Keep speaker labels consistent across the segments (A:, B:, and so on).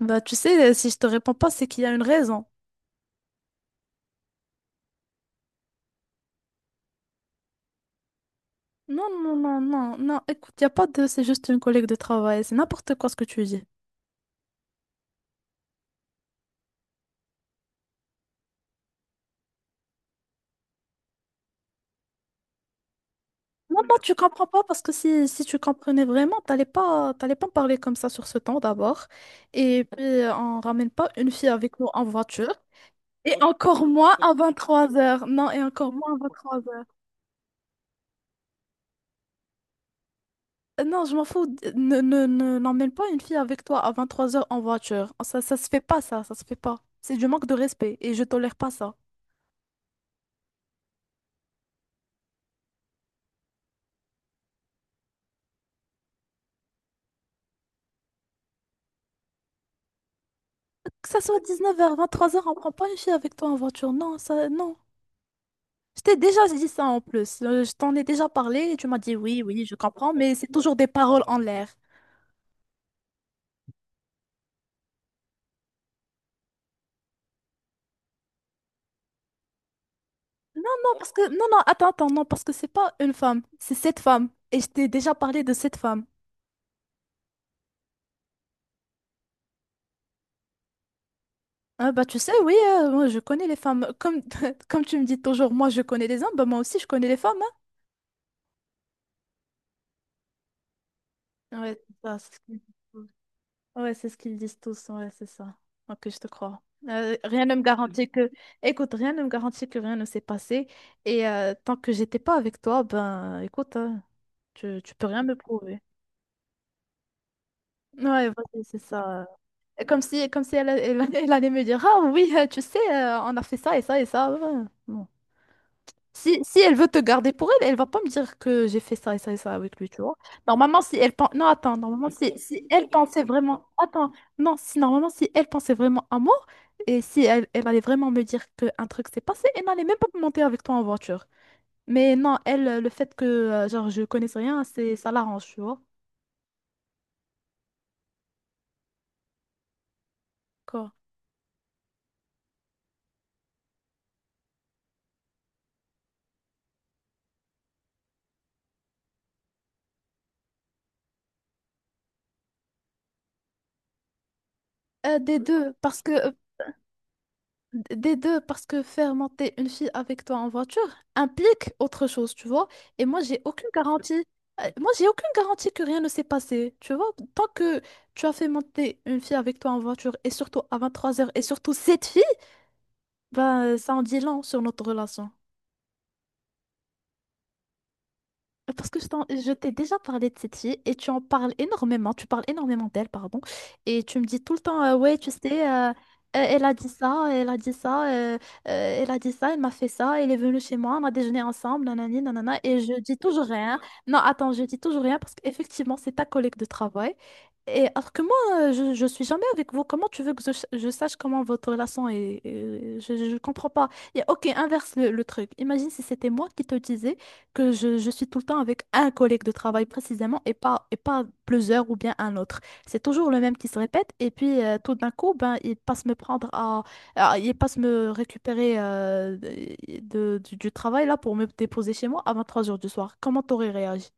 A: Bah, tu sais, si je te réponds pas, c'est qu'il y a une raison. Non, non, non, non, non. Écoute, il a pas de... c'est juste une collègue de travail. C'est n'importe quoi ce que tu dis. Non, non, tu comprends pas parce que si tu comprenais vraiment, t'allais pas me parler comme ça sur ce temps d'abord. Et puis, on ramène pas une fille avec nous en voiture. Et encore moins à 23h. Non, et encore moins à 23h. Non, je m'en fous. N'emmène pas une fille avec toi à 23h en voiture. Ça se fait pas, ça. Ça se fait pas. C'est du manque de respect et je tolère pas ça. Que ça soit 19h 23h on prend pas une fille avec toi en voiture. Non, ça, non. Je t'ai déjà dit ça en plus. Je t'en ai déjà parlé et tu m'as dit oui, oui, je comprends, mais c'est toujours des paroles en l'air. Non, non, parce que, non, non, attends, attends, non, parce que c'est pas une femme, c'est cette femme. Et je t'ai déjà parlé de cette femme. Ah bah tu sais, oui, moi, je connais les femmes. Comme, comme tu me dis toujours, moi je connais les hommes, bah moi aussi je connais les femmes. Hein. Ouais, c'est ça, c'est ce que je dis. Ouais, c'est ce qu'ils disent tous, ouais, c'est ça. Ok, je te crois. Rien ne me garantit que... Écoute, rien ne me garantit que rien ne s'est passé. Et tant que j'étais pas avec toi, ben, écoute, hein, tu peux rien me prouver. Ouais, vas-y, c'est ça. Et comme si elle, elle allait me dire, ah oui, tu sais, on a fait ça et ça et ça. Ouais, ouais. Bon. Si elle veut te garder pour elle, elle va pas me dire que j'ai fait ça et ça et ça avec lui, tu vois. Normalement, si elle pense... Non, attends, normalement, si elle pensait vraiment... Attends, non, si normalement, si elle pensait vraiment à moi, et si elle, elle allait vraiment me dire qu'un truc s'est passé, elle n'allait même pas monter avec toi en voiture. Mais non, elle, le fait que, genre, je connaisse rien, c'est, ça l'arrange, tu vois. Quoi? Euh, des deux, parce que, euh, Des deux, parce que faire monter une fille avec toi en voiture implique autre chose, tu vois. Et moi, j'ai aucune garantie. Moi, j'ai aucune garantie que rien ne s'est passé, tu vois. Tant que tu as fait monter une fille avec toi en voiture, et surtout à 23h, et surtout cette fille, ben, ça en dit long sur notre relation. Parce que je t'ai déjà parlé de cette fille et tu en parles énormément, tu parles énormément d'elle, pardon, et tu me dis tout le temps, ouais, tu sais, elle a dit ça, elle a dit ça, elle a dit ça, elle m'a fait ça, elle est venue chez moi, on a déjeuné ensemble, nanani, nanana, et je dis toujours rien. Non, attends, je dis toujours rien parce qu'effectivement, c'est ta collègue de travail. Et alors que moi, je suis jamais avec vous, comment tu veux que je sache comment votre relation est, je comprends pas. Et ok, inverse le truc. Imagine si c'était moi qui te disais que je suis tout le temps avec un collègue de travail précisément et pas plusieurs ou bien un autre. C'est toujours le même qui se répète et puis tout d'un coup, ben, il passe me prendre il passe me récupérer du travail là pour me déposer chez moi à 23h du soir. Comment t'aurais réagi?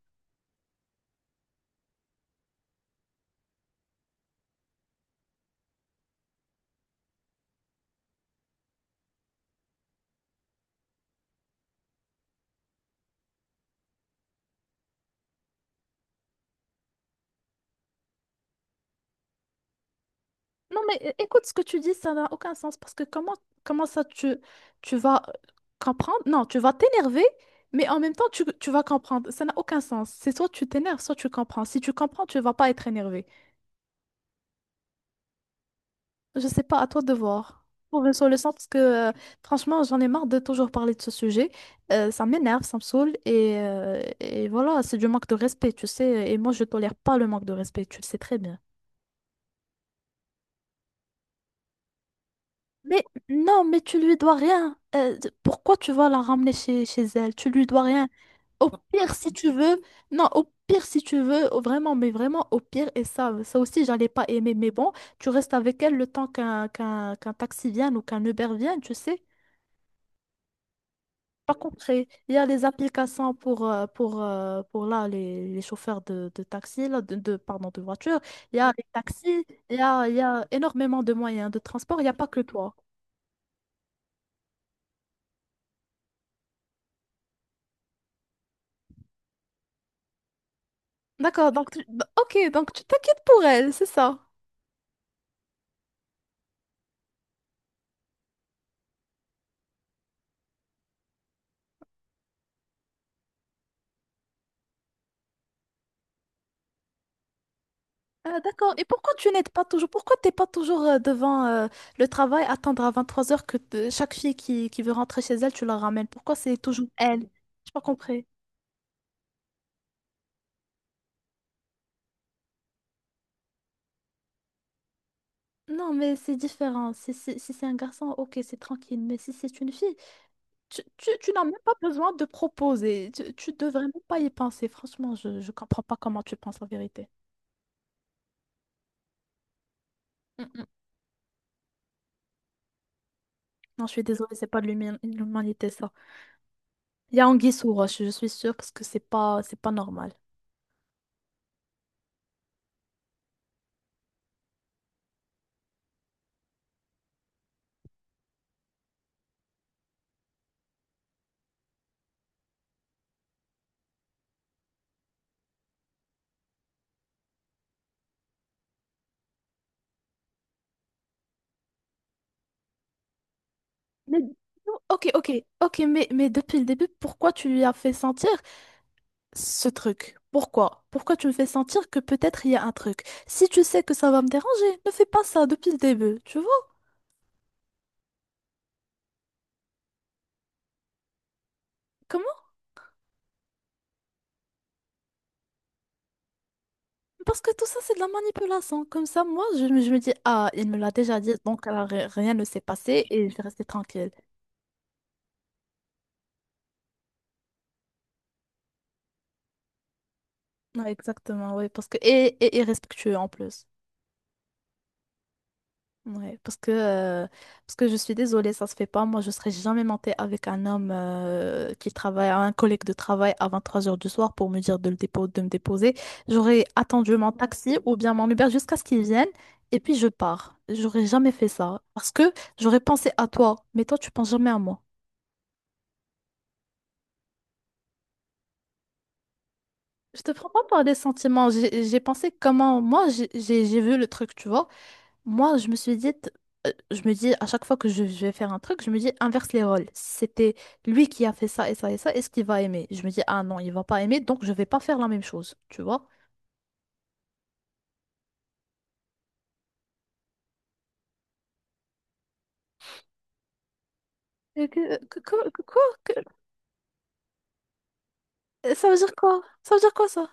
A: Non mais écoute ce que tu dis, ça n'a aucun sens parce que comment ça tu vas comprendre? Non, tu vas t'énerver. Mais en même temps, tu vas comprendre. Ça n'a aucun sens. C'est soit tu t'énerves, soit tu comprends. Si tu comprends, tu vas pas être énervé. Je sais pas, à toi de voir. Pour une solution, parce que franchement, j'en ai marre de toujours parler de ce sujet. Ça m'énerve, ça me saoule, et voilà, c'est du manque de respect, tu sais. Et moi, je tolère pas le manque de respect, tu le sais très bien. Mais non, mais tu lui dois rien. Pourquoi tu vas la ramener chez elle? Tu lui dois rien. Au pire, si tu veux, non, au pire, si tu veux, vraiment, mais vraiment, au pire, et ça aussi, j'allais pas aimer, mais bon, tu restes avec elle le temps qu'un taxi vienne ou qu'un Uber vienne, tu sais. Pas concret. Il y a les applications pour là, les chauffeurs de taxi, là, de, pardon, de voiture. Il y a les taxis, il y a énormément de moyens de transport, il n'y a pas que toi. D'accord, donc, bah, ok, donc tu t'inquiètes pour elle, c'est ça. Ah, d'accord. Et pourquoi tu n'aides pas toujours? Pourquoi t'es pas toujours devant le travail, attendre à 23h que chaque fille qui veut rentrer chez elle, tu la ramènes? Pourquoi c'est toujours elle? J'ai pas compris. Non, mais c'est différent. Si c'est un garçon, ok, c'est tranquille. Mais si c'est une fille, tu n'as même pas besoin de proposer. Tu devrais même pas y penser. Franchement, je comprends pas comment tu penses la vérité. Mm, mm. Non, je suis désolée, c'est pas de l'humi- l'humanité, ça. Il y a anguille sous roche, je suis sûre, parce que c'est pas normal. Mais- Ok, ok, ok, mais depuis le début, pourquoi tu lui as fait sentir ce truc. Pourquoi? Pourquoi tu me fais sentir que peut-être il y a un truc? Si tu sais que ça va me déranger, ne fais pas ça depuis le début. Tu vois? Comment? Parce que tout ça, c'est de la manipulation. Comme ça, moi, je me dis, ah, il me l'a déjà dit, donc alors, rien ne s'est passé et je vais rester tranquille. Non, exactement, oui. Parce que, et irrespectueux en plus. Ouais, parce que je suis désolée, ça se fait pas. Moi, je serais jamais montée avec un homme qui travaille, un collègue de travail à 3h du soir pour me dire de me déposer. J'aurais attendu mon taxi ou bien mon Uber jusqu'à ce qu'il vienne et puis je pars. J'aurais jamais fait ça parce que j'aurais pensé à toi, mais toi, tu penses jamais à moi. Je te prends pas par des sentiments. J'ai pensé comment moi j'ai vu le truc, tu vois. Moi, je me suis dit, je me dis à chaque fois que je vais faire un truc, je me dis inverse les rôles. C'était lui qui a fait ça et ça et ça, est-ce qu'il va aimer? Je me dis, ah non, il va pas aimer, donc je vais pas faire la même chose, tu vois? Et quoi? Ça veut dire quoi? Ça veut dire quoi ça?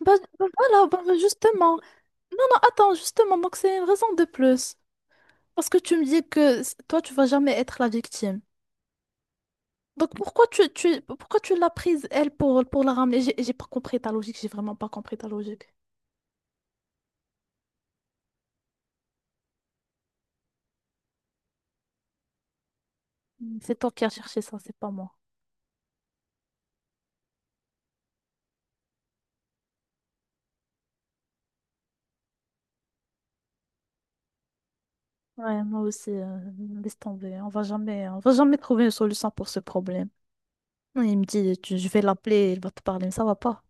A: Bah, bah voilà, bah, justement. Non, non, attends, justement, donc c'est une raison de plus. Parce que tu me dis que toi, tu vas jamais être la victime. Donc pourquoi pourquoi tu l'as prise, elle, pour la ramener? J'ai pas compris ta logique, j'ai vraiment pas compris ta logique. C'est toi qui as cherché ça, c'est pas moi. Ouais, moi aussi, laisse tomber. On va jamais trouver une solution pour ce problème. Il me dit, je vais l'appeler, il va te parler, mais ça va pas.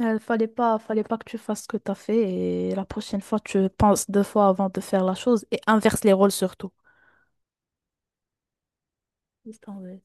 A: Il fallait pas que tu fasses ce que t'as fait et la prochaine fois, tu penses deux fois avant de faire la chose et inverse les rôles surtout. Laisse tomber.